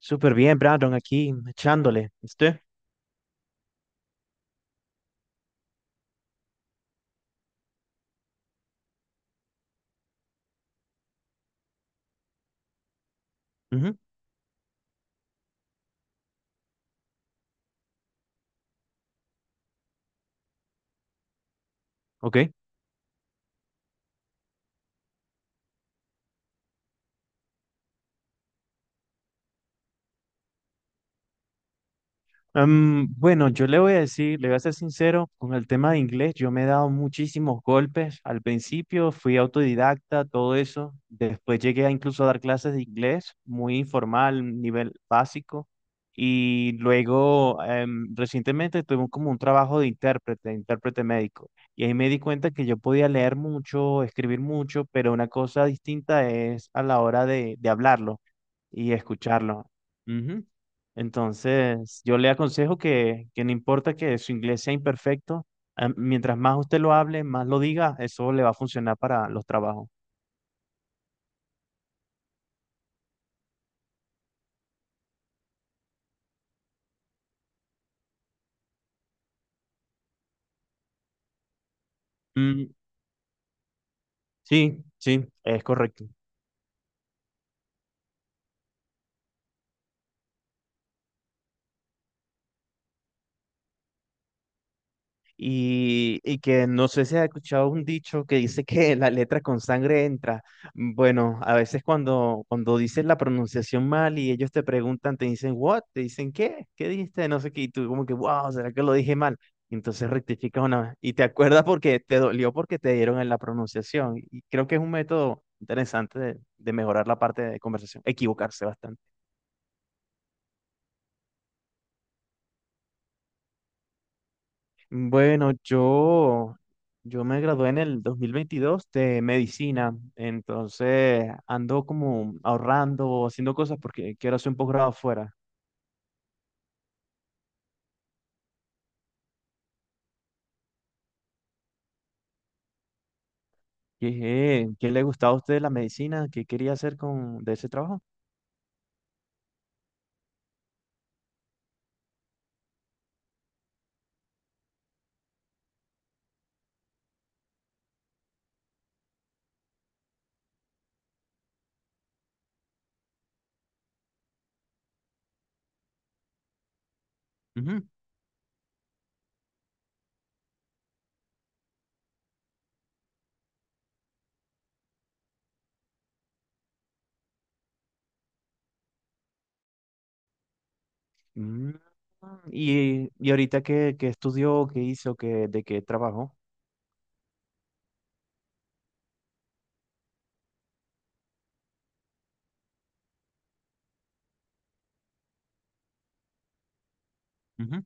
Súper bien, Brandon, aquí echándole. ¿Usted? Ujú. Ok. Bueno, yo le voy a decir, le voy a ser sincero, con el tema de inglés, yo me he dado muchísimos golpes. Al principio fui autodidacta, todo eso. Después llegué a incluso a dar clases de inglés, muy informal, nivel básico. Y luego, recientemente tuve como un trabajo de intérprete, intérprete médico. Y ahí me di cuenta que yo podía leer mucho, escribir mucho, pero una cosa distinta es a la hora de hablarlo y escucharlo. Ujú. Entonces, yo le aconsejo que no importa que su inglés sea imperfecto, mientras más usted lo hable, más lo diga, eso le va a funcionar para los trabajos. Mm, sí, sí. Es correcto. Y que no sé si has escuchado un dicho que dice que la letra con sangre entra. Bueno, a veces cuando, cuando dices la pronunciación mal y ellos te preguntan, te dicen, ¿what? Te dicen, ¿qué? ¿Qué dijiste? No sé qué. Y tú como que, wow, ¿será que lo dije mal? Y entonces rectificas una vez. Y te acuerdas porque te dolió porque te dieron en la pronunciación. Y creo que es un método interesante de mejorar la parte de conversación, equivocarse bastante. Bueno, yo me gradué en el 2022 de medicina, entonces ando como ahorrando, haciendo cosas porque quiero hacer un posgrado afuera. ¿Qué le gustaba a usted la medicina? ¿Qué quería hacer con de ese trabajo? Ujú. Mm. ¿Y ahorita qué estudió, qué hizo, qué, de qué trabajó? Ujú.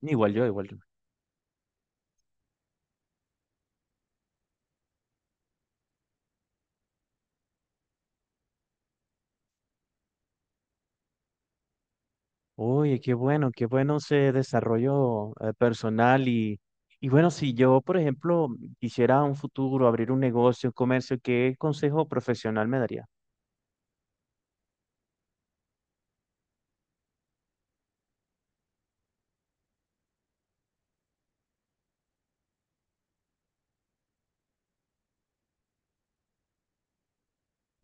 Igual yo, igual yo. Oye, qué bueno ese desarrollo personal y bueno, si yo, por ejemplo, quisiera un futuro abrir un negocio, un comercio, ¿qué consejo profesional me daría?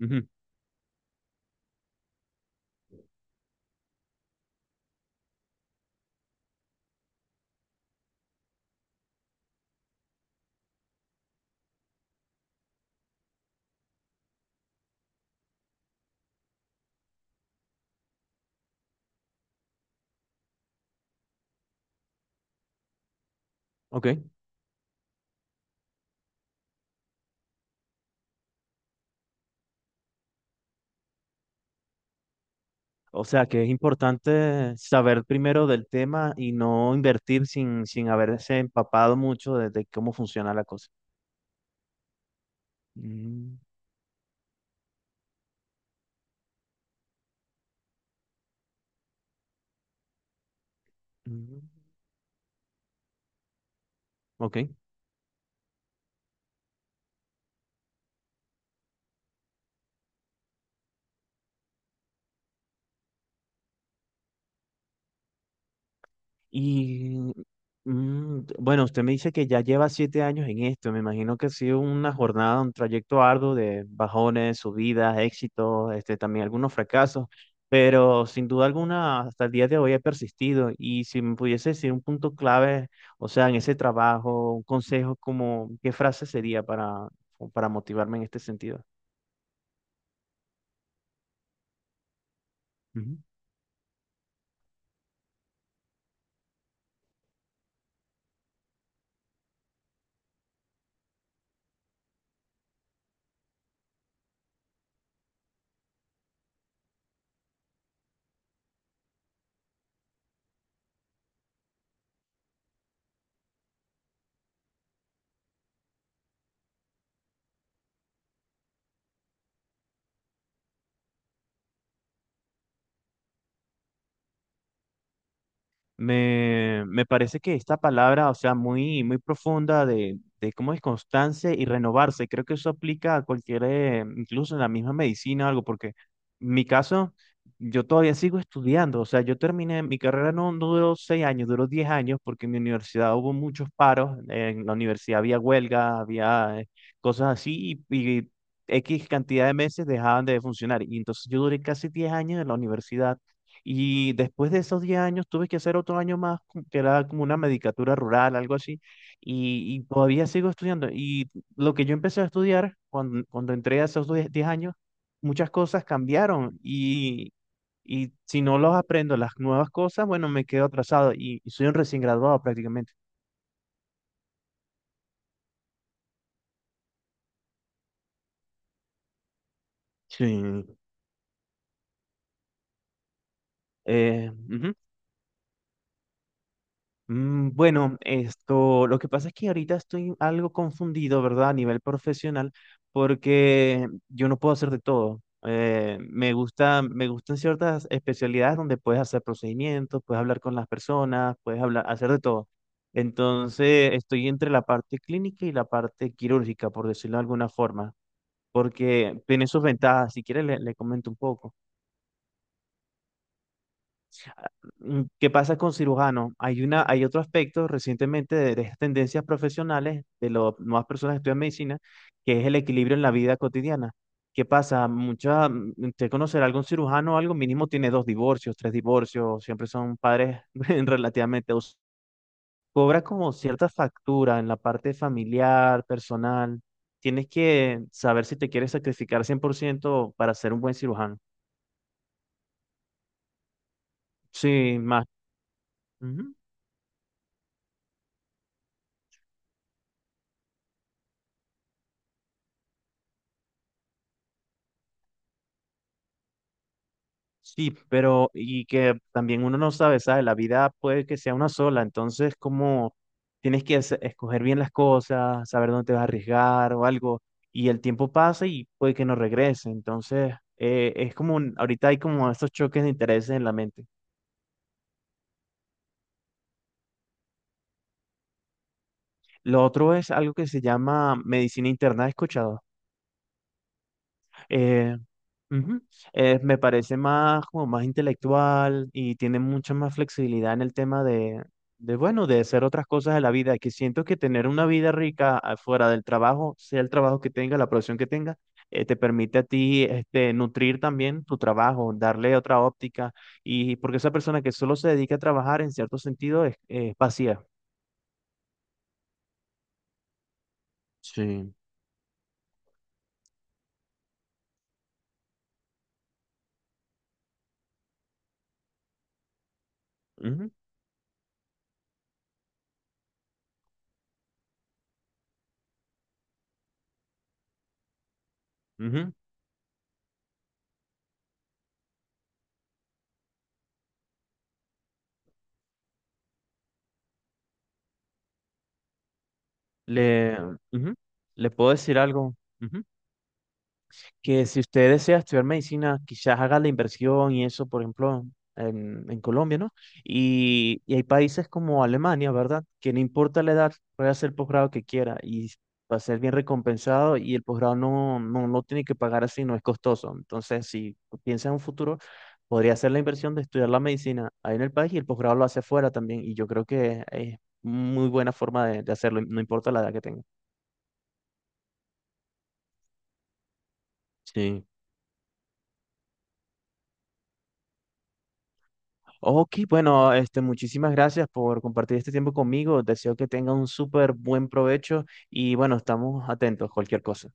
Ujú. Ok. O sea, que es importante saber primero del tema y no invertir sin haberse empapado mucho de cómo funciona la cosa. Mm. Mm. Ok. Y bueno, usted me dice que ya lleva 7 años en esto. Me imagino que ha sido una jornada, un trayecto arduo de bajones, subidas, éxitos, este, también algunos fracasos. Pero sin duda alguna, hasta el día de hoy he persistido. Y si me pudiese decir un punto clave, o sea, en ese trabajo, un consejo, como, ¿qué frase sería para motivarme en este sentido? Me parece que esta palabra, o sea, muy, muy profunda de cómo es constancia y renovarse, creo que eso aplica a cualquier, incluso en la misma medicina o algo, porque en mi caso, yo todavía sigo estudiando, o sea, yo terminé, mi carrera no, no duró 6 años, duró 10 años, porque en mi universidad hubo muchos paros, en la universidad había huelga, había cosas así, y X cantidad de meses dejaban de funcionar, y entonces yo duré casi 10 años en la universidad y después de esos 10 años tuve que hacer otro año más, como que era como una medicatura rural, algo así, y todavía sigo estudiando. Y lo que yo empecé a estudiar cuando, cuando entré a esos 10 10 años, muchas cosas cambiaron y si no los aprendo, las nuevas cosas, bueno, me quedo atrasado y soy un recién graduado prácticamente. Sí. Ujú. Bueno, esto, lo que pasa es que ahorita estoy algo confundido, ¿verdad? A nivel profesional, porque yo no puedo hacer de todo. Me gusta, me gustan ciertas especialidades donde puedes hacer procedimientos, puedes hablar con las personas, puedes hablar, hacer de todo. Entonces, estoy entre la parte clínica y la parte quirúrgica, por decirlo de alguna forma, porque tiene sus ventajas. Si quieres, le comento un poco. ¿Qué pasa con cirujanos? Hay una, hay otro aspecto recientemente de estas tendencias profesionales de las nuevas personas que estudian medicina, que es el equilibrio en la vida cotidiana. ¿Qué pasa? Mucha, usted conocerá algún cirujano o algo, mínimo tiene dos divorcios, tres divorcios, siempre son padres relativamente. Cobra como cierta factura en la parte familiar, personal. Tienes que saber si te quieres sacrificar 100% para ser un buen cirujano. Sí, más. Sí, pero y que también uno no sabe, ¿sabes? La vida puede que sea una sola, entonces como tienes que escoger bien las cosas, saber dónde te vas a arriesgar o algo, y el tiempo pasa y puede que no regrese, entonces es como, ahorita hay como estos choques de intereses en la mente. Lo otro es algo que se llama medicina interna, ¿has escuchado? Eh, Ujú. Me parece más como más intelectual y tiene mucha más flexibilidad en el tema bueno, de hacer otras cosas de la vida, que siento que tener una vida rica fuera del trabajo, sea el trabajo que tenga, la profesión que tenga, te permite a ti este, nutrir también tu trabajo, darle otra óptica, y porque esa persona que solo se dedica a trabajar en cierto sentido es vacía. Sí. Ujú, ujú. Le, ujú. Le puedo decir algo. Ujú. Que si usted desea estudiar medicina, quizás haga la inversión y eso, por ejemplo, en Colombia, ¿no? Y hay países como Alemania, ¿verdad? Que no importa la edad, puede hacer el posgrado que quiera y va a ser bien recompensado y el posgrado no, no, no tiene que pagar así, no es costoso. Entonces, si piensa en un futuro, podría hacer la inversión de estudiar la medicina ahí en el país y el posgrado lo hace afuera también. Y yo creo que es muy buena forma de hacerlo, no importa la edad que tenga. Sí. Ok, bueno, este, muchísimas gracias por compartir este tiempo conmigo. Deseo que tenga un súper buen provecho y bueno, estamos atentos, a cualquier cosa.